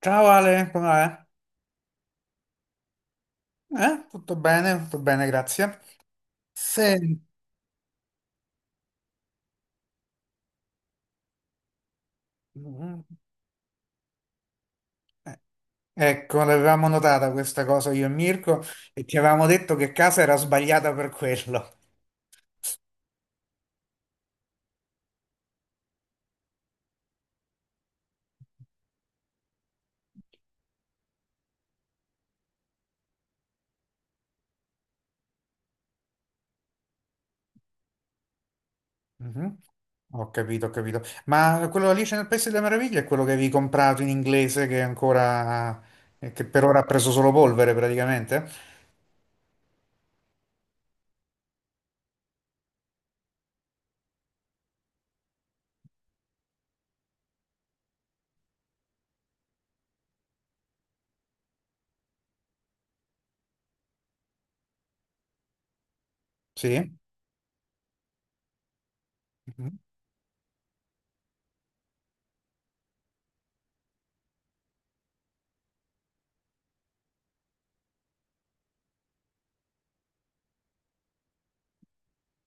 Ciao Ale, come va? Tutto bene, tutto bene, grazie. Se... Ecco, l'avevamo notata questa cosa io e Mirko e ti avevamo detto che casa era sbagliata per quello. Mhm. Ho capito, ho capito. Ma quello Alice nel Paese delle Meraviglie è quello che avevi comprato in inglese che è ancora, che per ora ha preso solo polvere praticamente? Sì? Mhm.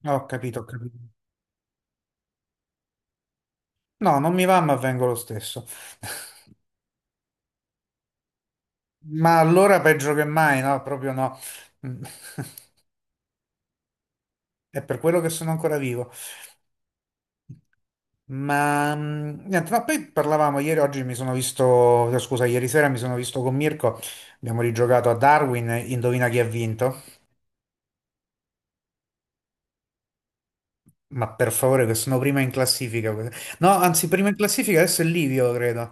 Ho capito, ho capito. No, non mi va, ma vengo lo stesso. Ma allora peggio che mai, no? Proprio no. Mm. È per quello che sono ancora vivo. Ma niente, no, poi parlavamo ieri, oggi mi sono visto, no, scusa, ieri sera mi sono visto con Mirko, abbiamo rigiocato a Darwin, indovina chi ha vinto? Ma per favore, che sono prima in classifica. No, anzi, prima in classifica adesso è Livio, credo.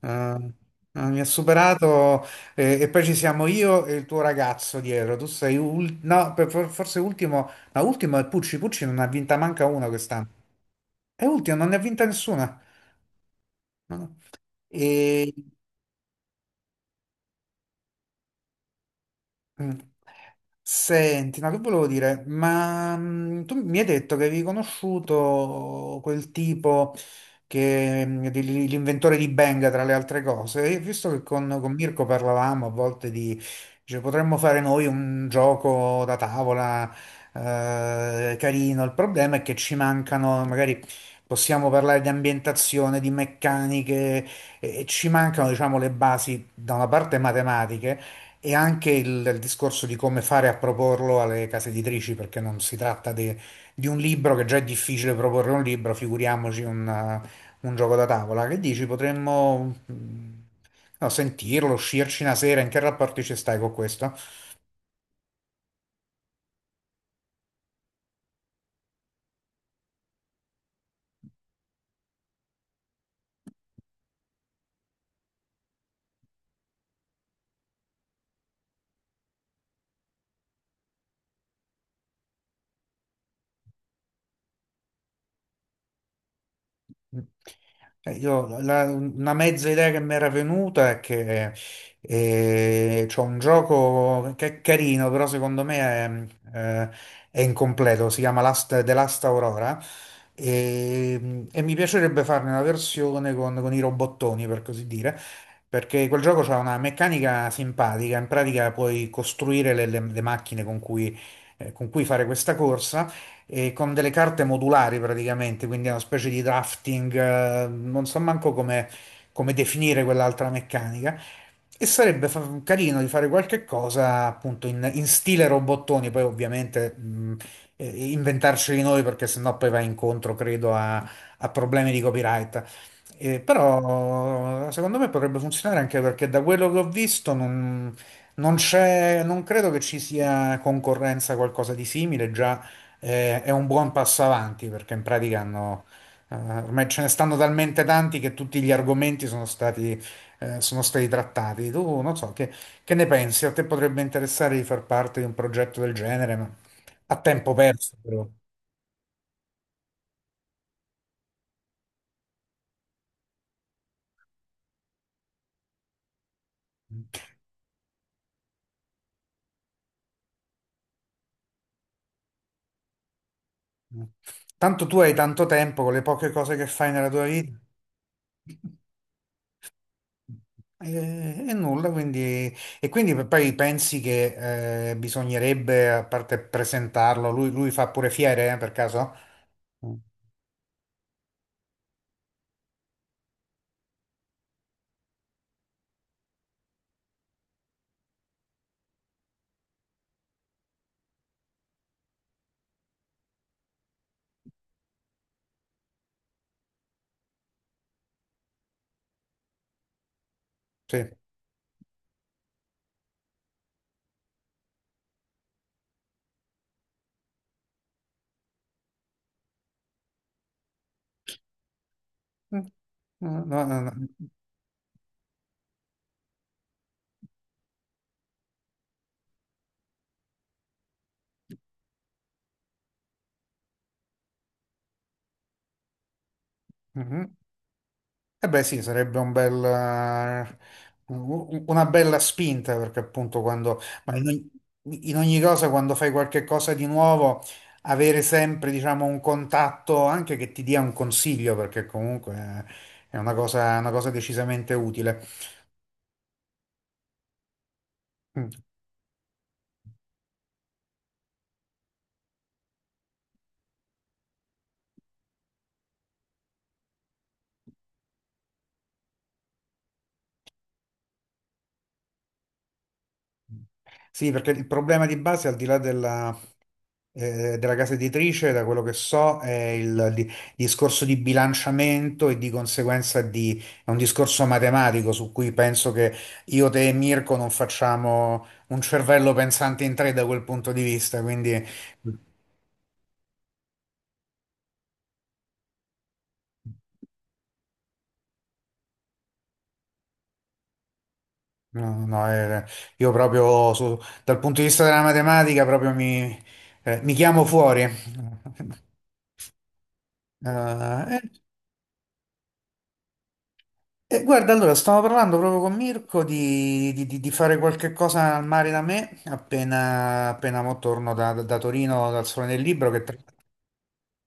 Eh, mi ha superato e poi ci siamo io e il tuo ragazzo dietro. Tu sei no, forse ultimo, ma ultimo è Pucci. Pucci non ne ha vinta manca una quest'anno. È ultimo, non ne ha vinta nessuna. No, no. E. Mm. Senti, ma che volevo dire? Ma tu mi hai detto che avevi conosciuto quel tipo che l'inventore di Benga, tra le altre cose. E visto che con Mirko parlavamo a volte di, cioè, potremmo fare noi un gioco da tavola, carino. Il problema è che ci mancano, magari possiamo parlare di ambientazione, di meccaniche, e ci mancano, diciamo, le basi da una parte matematiche e anche il discorso di come fare a proporlo alle case editrici, perché non si tratta di un libro, che già è difficile proporre un libro, figuriamoci un gioco da tavola. Che dici? Potremmo no, sentirlo, uscirci una sera, in che rapporti ci stai con questo? Io, una mezza idea che mi era venuta è che c'è un gioco che è carino, però secondo me è, eh, è incompleto, si chiama Last, The Last Aurora, e mi piacerebbe farne una versione con i robottoni, per così dire, perché quel gioco ha una meccanica simpatica, in pratica puoi costruire le macchine con cui fare questa corsa, con delle carte modulari praticamente, quindi è una specie di drafting, non so manco come, definire quell'altra meccanica. E sarebbe carino di fare qualche cosa appunto in stile robottoni, poi ovviamente eh, inventarceli noi perché sennò poi va incontro, credo, a, problemi di copyright. Però secondo me potrebbe funzionare anche perché da quello che ho visto non c'è, non credo che ci sia concorrenza a qualcosa di simile già, è un buon passo avanti perché in pratica hanno, ormai ce ne stanno talmente tanti che tutti gli argomenti sono stati trattati. Tu non so, che ne pensi? A te potrebbe interessare di far parte di un progetto del genere, ma a tempo perso, però. Tanto tu hai tanto tempo con le poche cose che fai nella tua vita. E nulla, quindi, e quindi poi pensi che bisognerebbe, a parte presentarlo, lui fa pure fiere, per caso? Mm. Sì. Mm. No, no, no. Mhm. Eh beh sì, sarebbe un bel, una bella spinta perché appunto quando, ma in ogni cosa quando fai qualche cosa di nuovo, avere sempre diciamo un contatto anche che ti dia un consiglio perché comunque, è una cosa, decisamente utile. Mm. Sì, perché il problema di base al di là della casa editrice, da quello che so, è il discorso di bilanciamento e di conseguenza di, è un discorso matematico su cui penso che io, te e Mirko non facciamo un cervello pensante in tre da quel punto di vista, quindi no, no, io proprio dal punto di vista della matematica proprio mi chiamo fuori. Eh, guarda, allora stavo parlando proprio con Mirko di, di fare qualche cosa al mare da me appena mo torno da, Torino dal Sole nel Libro, che tra-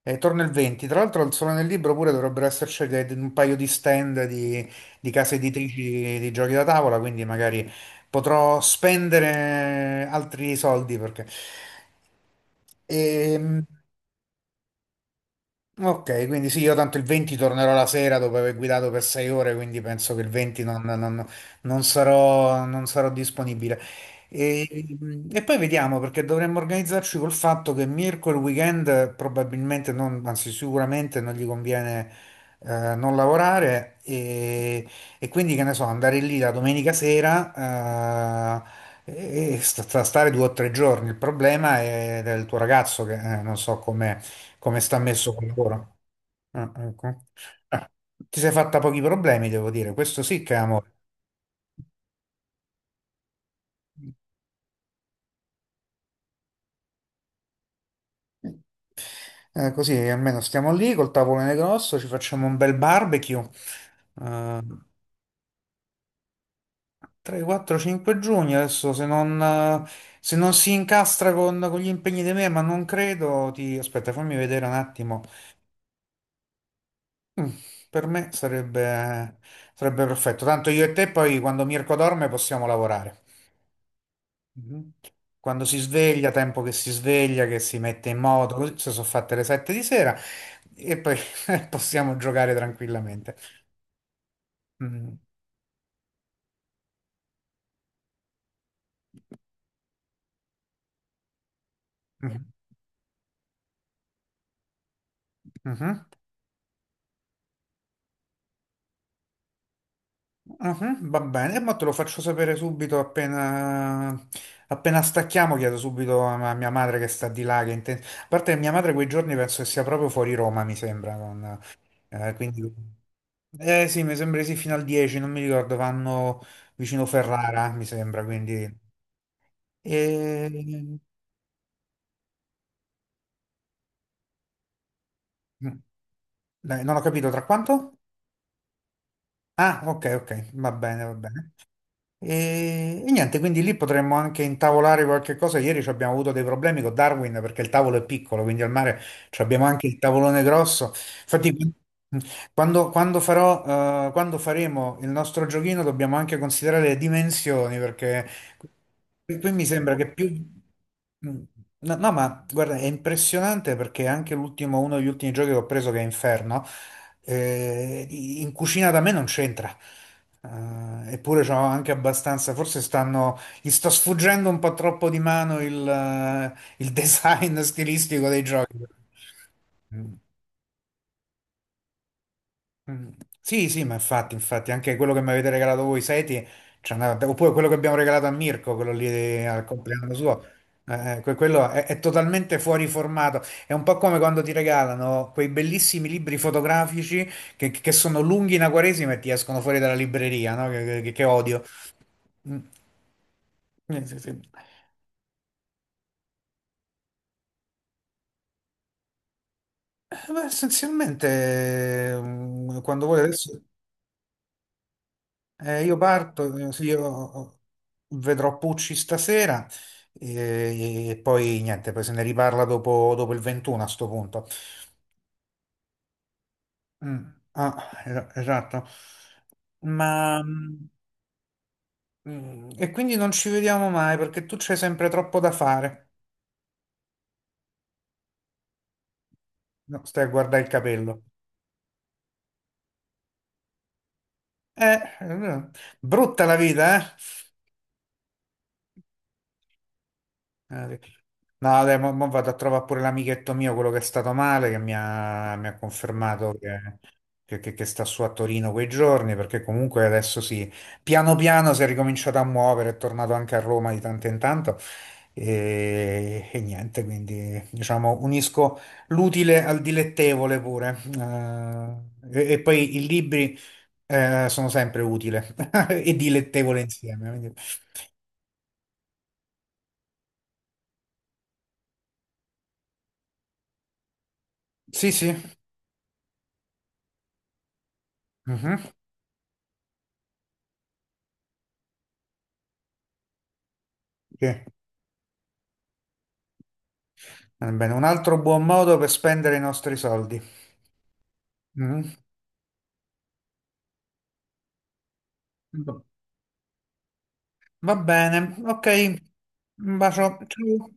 eh, torno il 20. Tra l'altro al Sole nel Libro pure dovrebbero esserci un paio di stand di, case editrici di, giochi da tavola, quindi magari potrò spendere altri soldi perché... Ehm, Ok, quindi sì, io tanto il 20 tornerò la sera dopo aver guidato per 6 ore, quindi penso che il 20 non sarò disponibile. E, e poi vediamo, perché dovremmo organizzarci col fatto che Mirko il weekend probabilmente, non, anzi sicuramente non gli conviene, non lavorare, e quindi che ne so, andare lì la domenica sera, stare 2 o 3 giorni. Il problema è del tuo ragazzo che, non so come sta messo col lavoro? Ah, ecco. Ah, ti sei fatta pochi problemi, devo dire. Questo sì che è amore. Così almeno stiamo lì col tavolone grosso, ci facciamo un bel barbecue. Eh, 3, 4, 5 giugno. Adesso se non, se non si incastra con gli impegni di me, ma non credo, ti... Aspetta, fammi vedere un attimo. Per me sarebbe perfetto. Tanto io e te poi quando Mirko dorme possiamo lavorare. Mhm. Quando si sveglia, tempo che si sveglia, che si mette in moto, così se sono fatte le 7 di sera e poi possiamo giocare tranquillamente. Mm. Mhm. Mhm. Mhm. Va bene, e mo te lo faccio sapere subito appena stacchiamo, chiedo subito a mia madre che sta di là, che a parte che mia madre quei giorni penso che sia proprio fuori Roma, mi sembra, quindi... Eh sì, mi sembra di sì, fino al 10, non mi ricordo, vanno vicino Ferrara, mi sembra, quindi... E... mm, Dai, non ho capito, tra quanto? Ah, ok, ok, va bene, va bene. E niente, quindi lì potremmo anche intavolare qualche cosa. Ieri ci abbiamo avuto dei problemi con Darwin perché il tavolo è piccolo, quindi al mare ci abbiamo anche il tavolone grosso. Infatti, quando faremo il nostro giochino dobbiamo anche considerare le dimensioni perché qui mi sembra che più... No, no, ma guarda, è impressionante perché anche l'ultimo, uno degli ultimi giochi che ho preso che è Inferno. In cucina da me non c'entra. Eppure c'ho anche abbastanza, forse stanno, gli sto sfuggendo un po' troppo di mano il design stilistico dei giochi. Mm. Mm. Sì, sì, ma infatti, infatti, anche quello che mi avete regalato voi, Seti, oppure quello che abbiamo regalato a Mirko, quello lì, al compleanno suo, quello è totalmente fuori formato. È un po' come quando ti regalano quei bellissimi libri fotografici che sono lunghi in Quaresima e ti escono fuori dalla libreria, no? Che odio. Mm. Sì, sì. Beh, essenzialmente, quando vuoi adesso. Io parto, sì, io vedrò Pucci stasera, e, poi niente, poi se ne riparla dopo, il 21 a sto punto. Mm, ah, esatto. Ma e quindi non ci vediamo mai perché tu c'hai sempre troppo da fare. No, stai a guardare il capello. Eh, eh, brutta la vita, eh? Sì. No, dai, mo vado a trovare pure l'amichetto mio, quello che è stato male, che mi ha confermato che, che sta su a Torino quei giorni, perché comunque adesso sì, piano piano si è ricominciato a muovere, è tornato anche a Roma di tanto in tanto e niente, quindi diciamo unisco l'utile al dilettevole pure. E poi i libri, sono sempre utile e dilettevole insieme. Quindi- Sì, sì. Mhm. Sì. Va bene, un altro buon modo per spendere i nostri soldi. Mm? Va bene, ok. Un bacio. Ciao.